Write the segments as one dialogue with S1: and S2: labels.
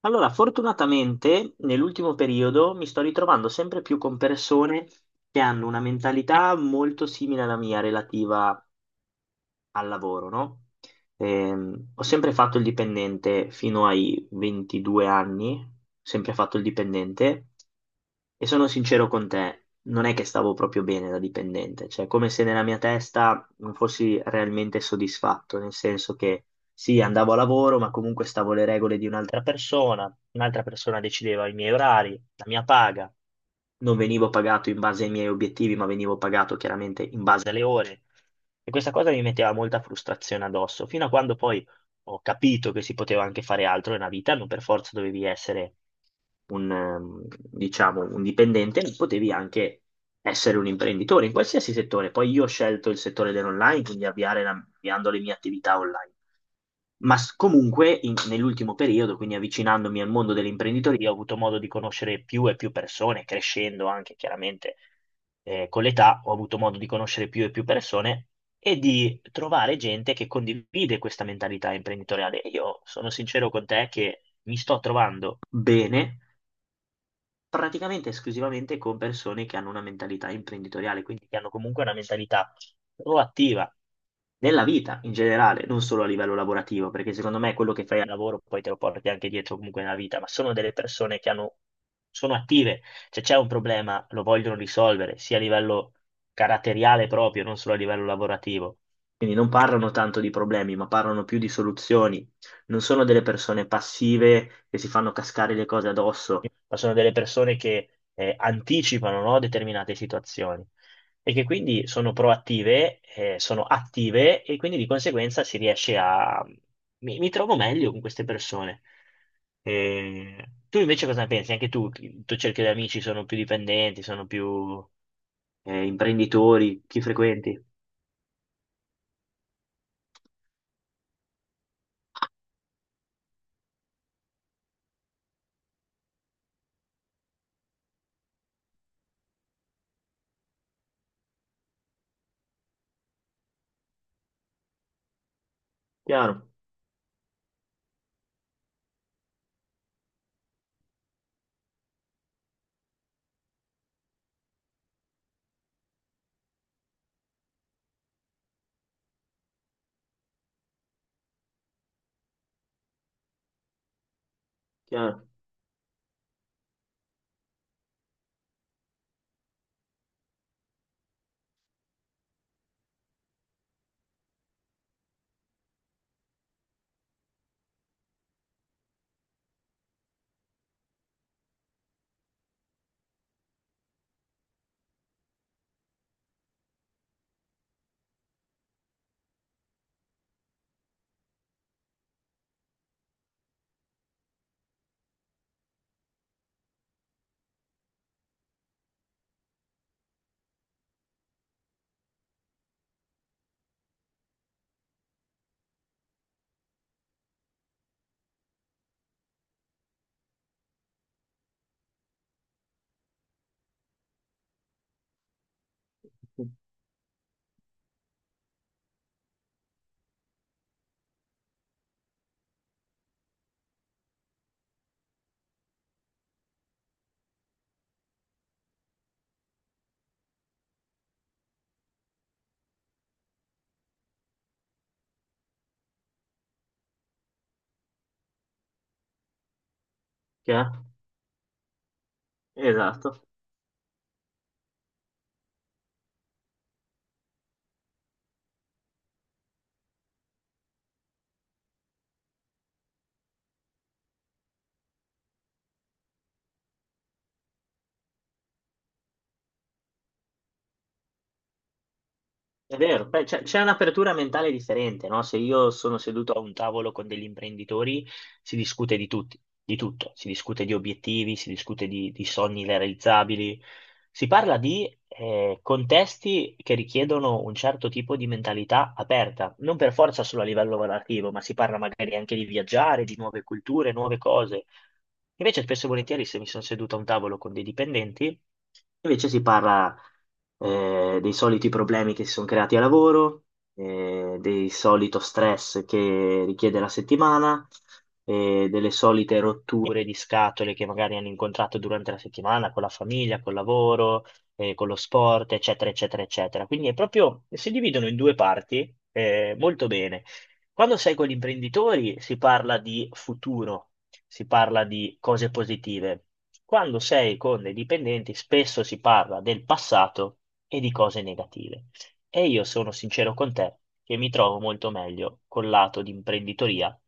S1: Allora, fortunatamente nell'ultimo periodo mi sto ritrovando sempre più con persone che hanno una mentalità molto simile alla mia relativa al lavoro, no? Ho sempre fatto il dipendente fino ai 22 anni, sempre fatto il dipendente e sono sincero con te, non è che stavo proprio bene da dipendente, cioè come se nella mia testa non fossi realmente soddisfatto, nel senso che sì, andavo a lavoro, ma comunque stavo alle regole di un'altra persona decideva i miei orari, la mia paga, non venivo pagato in base ai miei obiettivi, ma venivo pagato chiaramente in base alle ore. E questa cosa mi metteva molta frustrazione addosso, fino a quando poi ho capito che si poteva anche fare altro nella vita, non per forza dovevi essere un, ehm, diciamo, un dipendente, potevi anche essere un imprenditore in qualsiasi settore. Poi io ho scelto il settore dell'online, quindi avviando le mie attività online, ma comunque nell'ultimo periodo, quindi avvicinandomi al mondo dell'imprenditoria, ho avuto modo di conoscere più e più persone, crescendo anche chiaramente con l'età, ho avuto modo di conoscere più e più persone e di trovare gente che condivide questa mentalità imprenditoriale. E io sono sincero con te che mi sto trovando bene praticamente esclusivamente con persone che hanno una mentalità imprenditoriale, quindi che hanno comunque una mentalità proattiva nella vita in generale, non solo a livello lavorativo, perché secondo me quello che fai al lavoro poi te lo porti anche dietro comunque nella vita, ma sono delle persone che hanno, sono attive, cioè c'è un problema, lo vogliono risolvere, sia a livello caratteriale proprio, non solo a livello lavorativo. Quindi non parlano tanto di problemi, ma parlano più di soluzioni, non sono delle persone passive che si fanno cascare le cose addosso, ma sono delle persone che anticipano, no, determinate situazioni e che quindi sono proattive, sono attive e quindi di conseguenza si riesce a. Mi trovo meglio con queste persone. Eh, tu invece cosa ne pensi? Anche tu, il tuo cerchio di amici sono più dipendenti, sono più imprenditori, chi frequenti? Chiaro, chiaro, chiaro, esatto. È vero, beh, c'è un'apertura mentale differente, no? Se io sono seduto a un tavolo con degli imprenditori, si discute di tutti, di tutto, si discute di obiettivi, si discute di sogni realizzabili, si parla di contesti che richiedono un certo tipo di mentalità aperta, non per forza solo a livello lavorativo, ma si parla magari anche di viaggiare, di nuove culture, nuove cose. Invece spesso e volentieri, se mi sono seduto a un tavolo con dei dipendenti, invece si parla dei soliti problemi che si sono creati a lavoro, del solito stress che richiede la settimana, delle solite rotture di scatole che magari hanno incontrato durante la settimana con la famiglia, col lavoro, con lo sport, eccetera, eccetera, eccetera. Quindi è proprio, si dividono in due parti, molto bene. Quando sei con gli imprenditori si parla di futuro, si parla di cose positive. Quando sei con i dipendenti spesso si parla del passato e di cose negative. E io sono sincero con te che mi trovo molto meglio col lato di imprenditoria,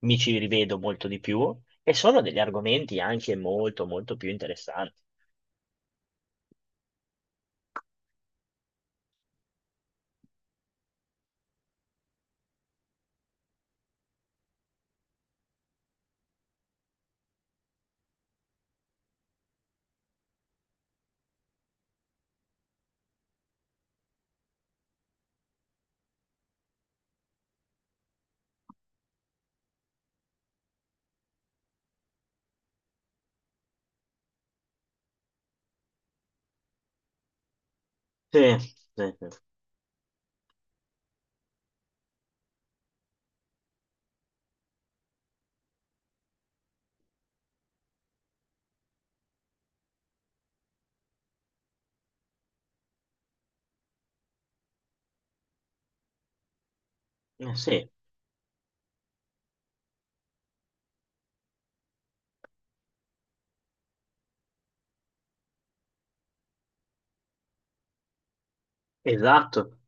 S1: mi ci rivedo molto di più e sono degli argomenti anche molto molto più interessanti. Sì, sì, sì. Sì, esatto,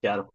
S1: chiaro.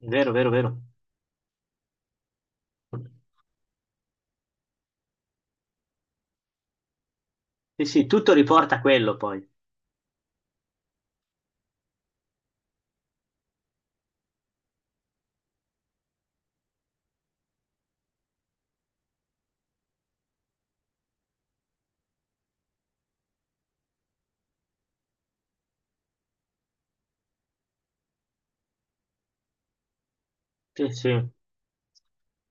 S1: Vero, vero, vero. Sì, sì, tutto riporta a quello poi. Sì, sì.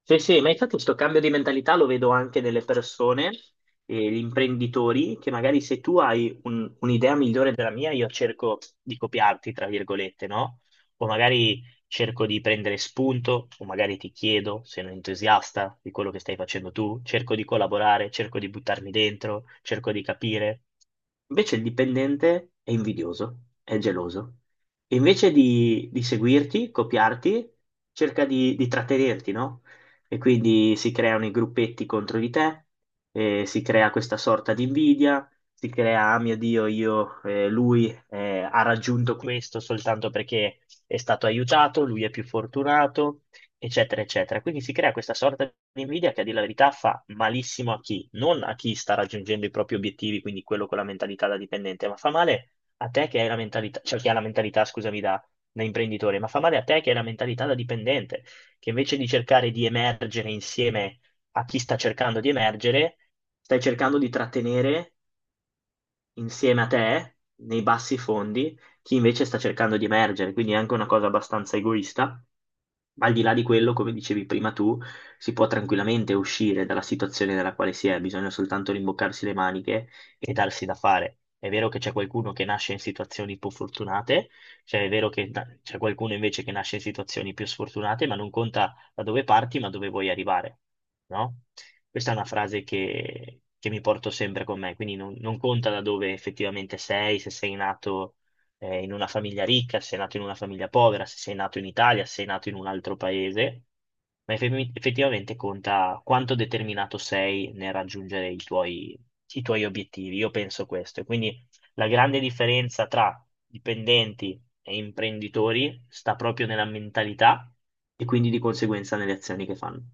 S1: Sì, sì, ma infatti questo cambio di mentalità lo vedo anche nelle persone, gli imprenditori, che magari, se tu hai un'idea migliore della mia, io cerco di copiarti, tra virgolette, no? O magari cerco di prendere spunto, o magari ti chiedo, sei un entusiasta di quello che stai facendo tu, cerco di collaborare, cerco di buttarmi dentro, cerco di capire. Invece il dipendente è invidioso, è geloso. E invece di seguirti, copiarti, cerca di trattenerti, no? E quindi si creano i gruppetti contro di te, si crea questa sorta di invidia, si crea, ah mio Dio, lui ha raggiunto questo soltanto perché è stato aiutato, lui è più fortunato, eccetera, eccetera. Quindi si crea questa sorta di invidia che a dire la verità fa malissimo a chi, non a chi sta raggiungendo i propri obiettivi, quindi quello con la mentalità da dipendente, ma fa male a te che hai la mentalità, cioè chi ha la mentalità, scusami, da imprenditore, ma fa male a te che hai la mentalità da dipendente, che invece di cercare di emergere insieme a chi sta cercando di emergere, stai cercando di trattenere insieme a te, nei bassi fondi, chi invece sta cercando di emergere. Quindi è anche una cosa abbastanza egoista, ma al di là di quello, come dicevi prima tu, si può tranquillamente uscire dalla situazione nella quale si è, bisogna soltanto rimboccarsi le maniche e darsi da fare. È vero che c'è qualcuno che nasce in situazioni più fortunate, cioè è vero che c'è qualcuno invece che nasce in situazioni più sfortunate, ma non conta da dove parti, ma dove vuoi arrivare, no? Questa è una frase che mi porto sempre con me, quindi non conta da dove effettivamente sei, se sei nato in una famiglia ricca, se sei nato in una famiglia povera, se sei nato in Italia, se sei nato in un altro paese, ma effettivamente conta quanto determinato sei nel raggiungere i tuoi obiettivi. Io penso questo. E quindi la grande differenza tra dipendenti e imprenditori sta proprio nella mentalità e quindi di conseguenza nelle azioni che fanno.